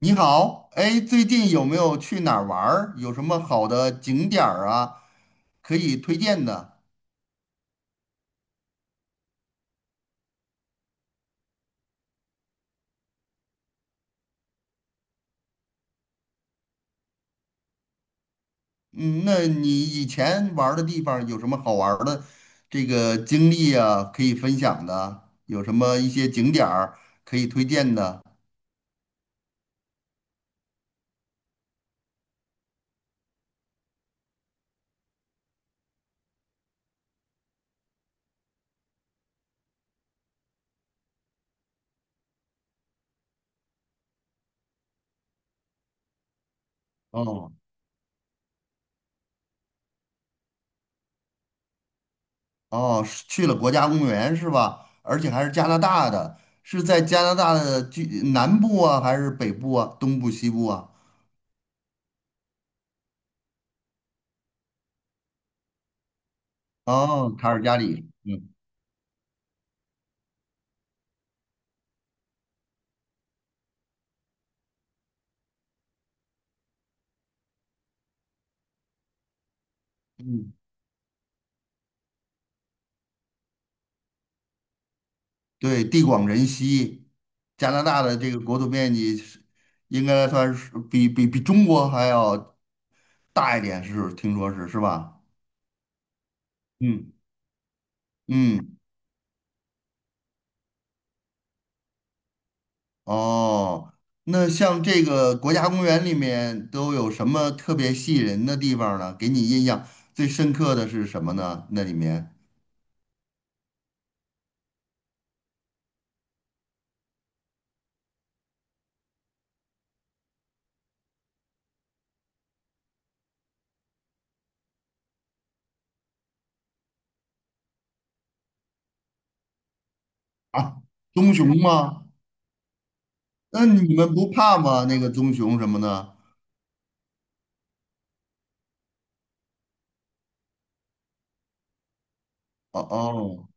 你好，哎，最近有没有去哪儿玩儿？有什么好的景点儿啊，可以推荐的？嗯，那你以前玩儿的地方有什么好玩儿的这个经历啊，可以分享的？有什么一些景点儿可以推荐的？哦哦，是去了国家公园是吧？而且还是加拿大的，是在加拿大的南部啊，还是北部啊，东部、西部啊？哦，卡尔加里。嗯嗯，对，地广人稀，加拿大的这个国土面积是应该算是比中国还要大一点，是听说是吧？嗯嗯。哦，那像这个国家公园里面都有什么特别吸引人的地方呢？给你印象最深刻的是什么呢？那里面啊，棕熊吗？那你们不怕吗？那个棕熊什么的？哦哦。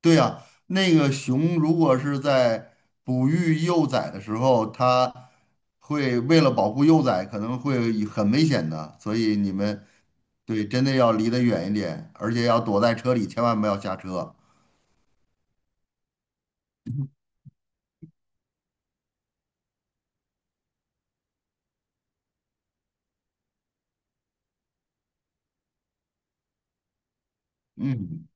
对呀，那个熊如果是在哺育幼崽的时候，它会为了保护幼崽，可能会以很危险的，所以你们，对，真的要离得远一点，而且要躲在车里，千万不要下车。嗯。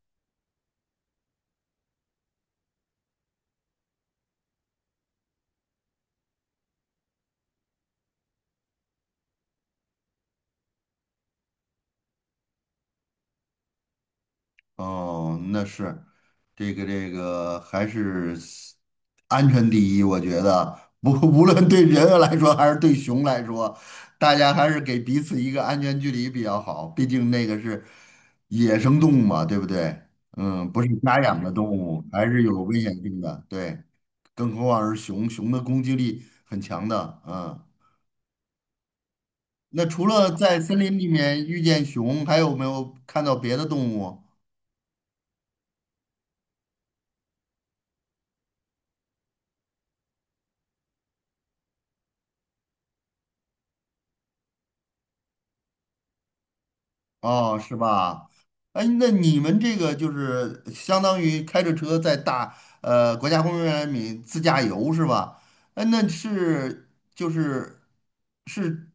哦，那是这个还是安全第一，我觉得不 无论对人来说还是对熊来说，大家还是给彼此一个安全距离比较好。毕竟那个是野生动物嘛，对不对？嗯，不是家养的动物，还是有危险性的。对，更何况是熊，熊的攻击力很强的。嗯，那除了在森林里面遇见熊，还有没有看到别的动物？哦，是吧？哎，那你们这个就是相当于开着车在国家公园里自驾游是吧？哎，那是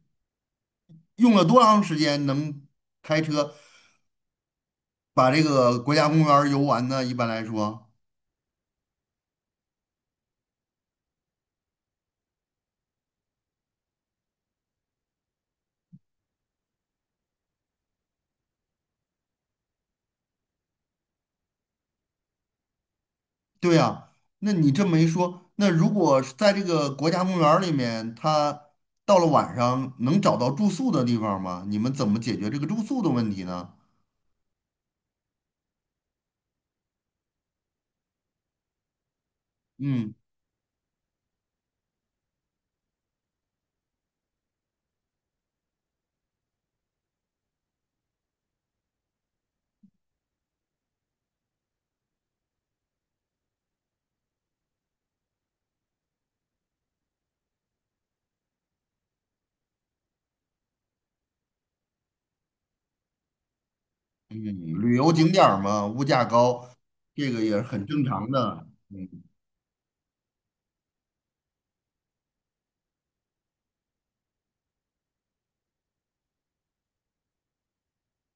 用了多长时间能开车把这个国家公园儿游完呢？一般来说，对呀。那你这么一说，那如果是在这个国家公园儿里面，他到了晚上能找到住宿的地方吗？你们怎么解决这个住宿的问题呢？嗯。嗯，旅游景点儿嘛，物价高，这个也是很正常的。嗯。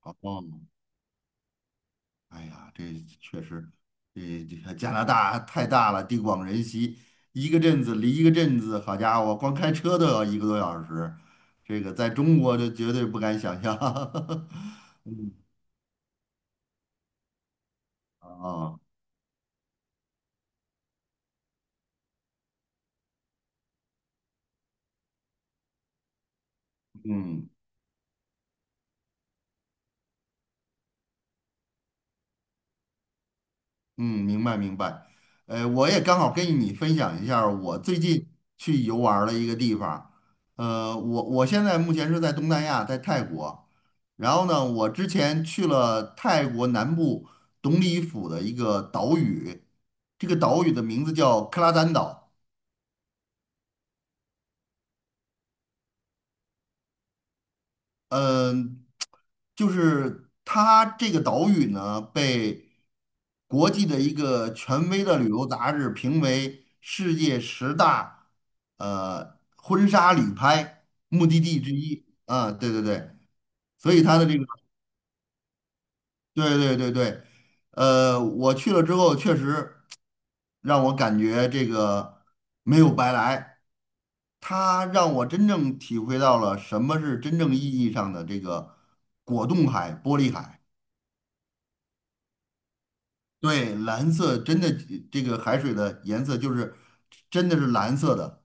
哦。哎呀，这确实，这这个加拿大太大了，地广人稀，一个镇子离一个镇子，好家伙，光开车都要一个多小时，这个在中国就绝对不敢想象。啊。嗯。嗯，明白明白。我也刚好跟你分享一下儿我最近去游玩儿的一个地方。我现在目前是在东南亚，在泰国。然后呢，我之前去了泰国南部董里府的一个岛屿，这个岛屿的名字叫克拉丹岛。嗯，就是它这个岛屿呢，被国际的一个权威的旅游杂志评为世界十大婚纱旅拍目的地之一。啊，对对对，所以它的这个，对对对对，呃，我去了之后确实让我感觉这个没有白来。它让我真正体会到了什么是真正意义上的这个果冻海、玻璃海。对，蓝色真的，这个海水的颜色就是真的是蓝色的。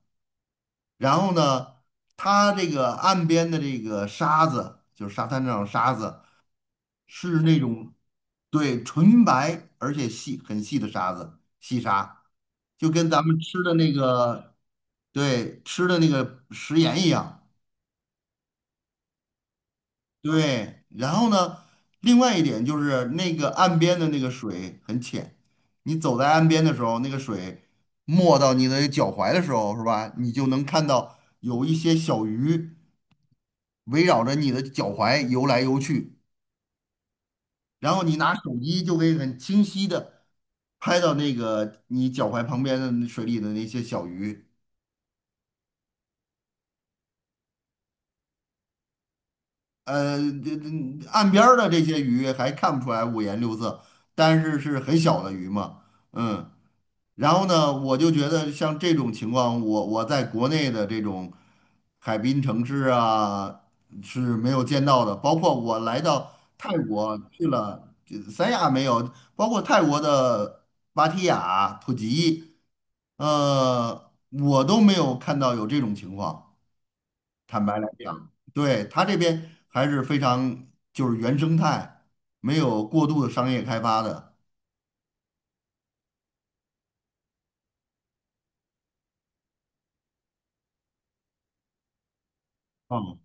然后呢，它这个岸边的这个沙子，就是沙滩上的沙子，是那种，对，纯白而且很细的沙子，细沙，就跟咱们吃的那个，对，吃的那个食盐一样。对，然后呢，另外一点就是那个岸边的那个水很浅，你走在岸边的时候，那个水没到你的脚踝的时候，是吧？你就能看到有一些小鱼围绕着你的脚踝游来游去，然后你拿手机就可以很清晰的拍到那个你脚踝旁边的水里的那些小鱼。呃，这这岸边儿的这些鱼还看不出来五颜六色，但是是很小的鱼嘛，嗯。然后呢，我就觉得像这种情况，我在国内的这种海滨城市啊是没有见到的。包括我来到泰国，去了，这三亚没有，包括泰国的芭提雅、普吉，我都没有看到有这种情况。坦白来讲，对，它这边还是非常就是原生态，没有过度的商业开发的，嗯，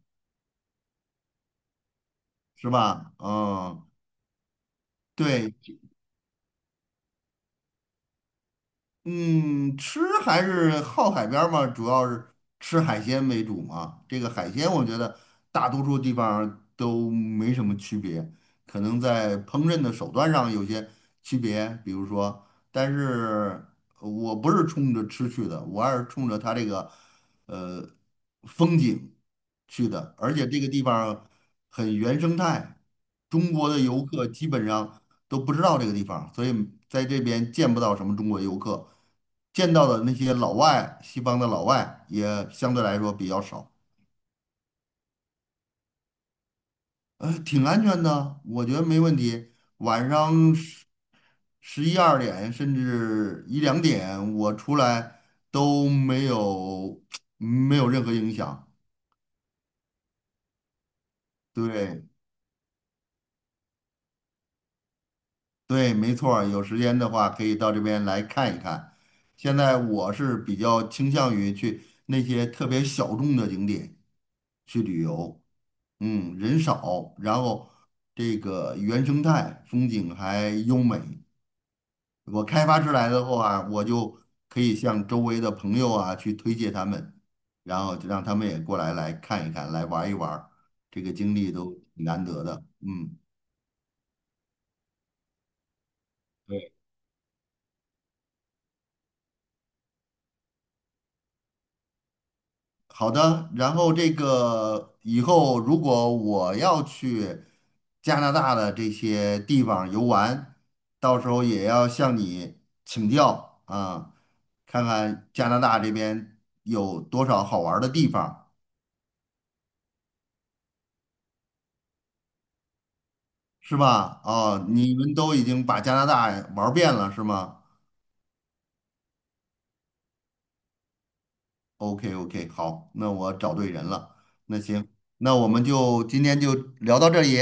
是吧？嗯，对，嗯，吃还是靠海边儿嘛，主要是吃海鲜为主嘛。这个海鲜，我觉得大多数地方都没什么区别，可能在烹饪的手段上有些区别，比如说，但是我不是冲着吃去的，我还是冲着它这个呃风景去的，而且这个地方很原生态，中国的游客基本上都不知道这个地方，所以在这边见不到什么中国游客，见到的那些老外，西方的老外也相对来说比较少，挺安全的，我觉得没问题。晚上十一二点甚至一两点，我出来都没有 没有任何影响。对。对，没错儿，有时间的话可以到这边来看一看。现在我是比较倾向于去那些特别小众的景点去旅游，嗯，人少，然后这个原生态风景还优美。我开发出来的话，我就可以向周围的朋友啊去推荐他们，然后就让他们也过来来看一看，来玩一玩儿，这个经历都挺难得的，嗯。好的，然后这个以后如果我要去加拿大的这些地方游玩，到时候也要向你请教啊，看看加拿大这边有多少好玩儿的地方，是吧？哦，你们都已经把加拿大玩儿遍了，是吗？OK OK,好，那我找对人了。那行，那我们就今天就聊到这里，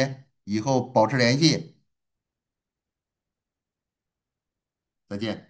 以后保持联系，再见。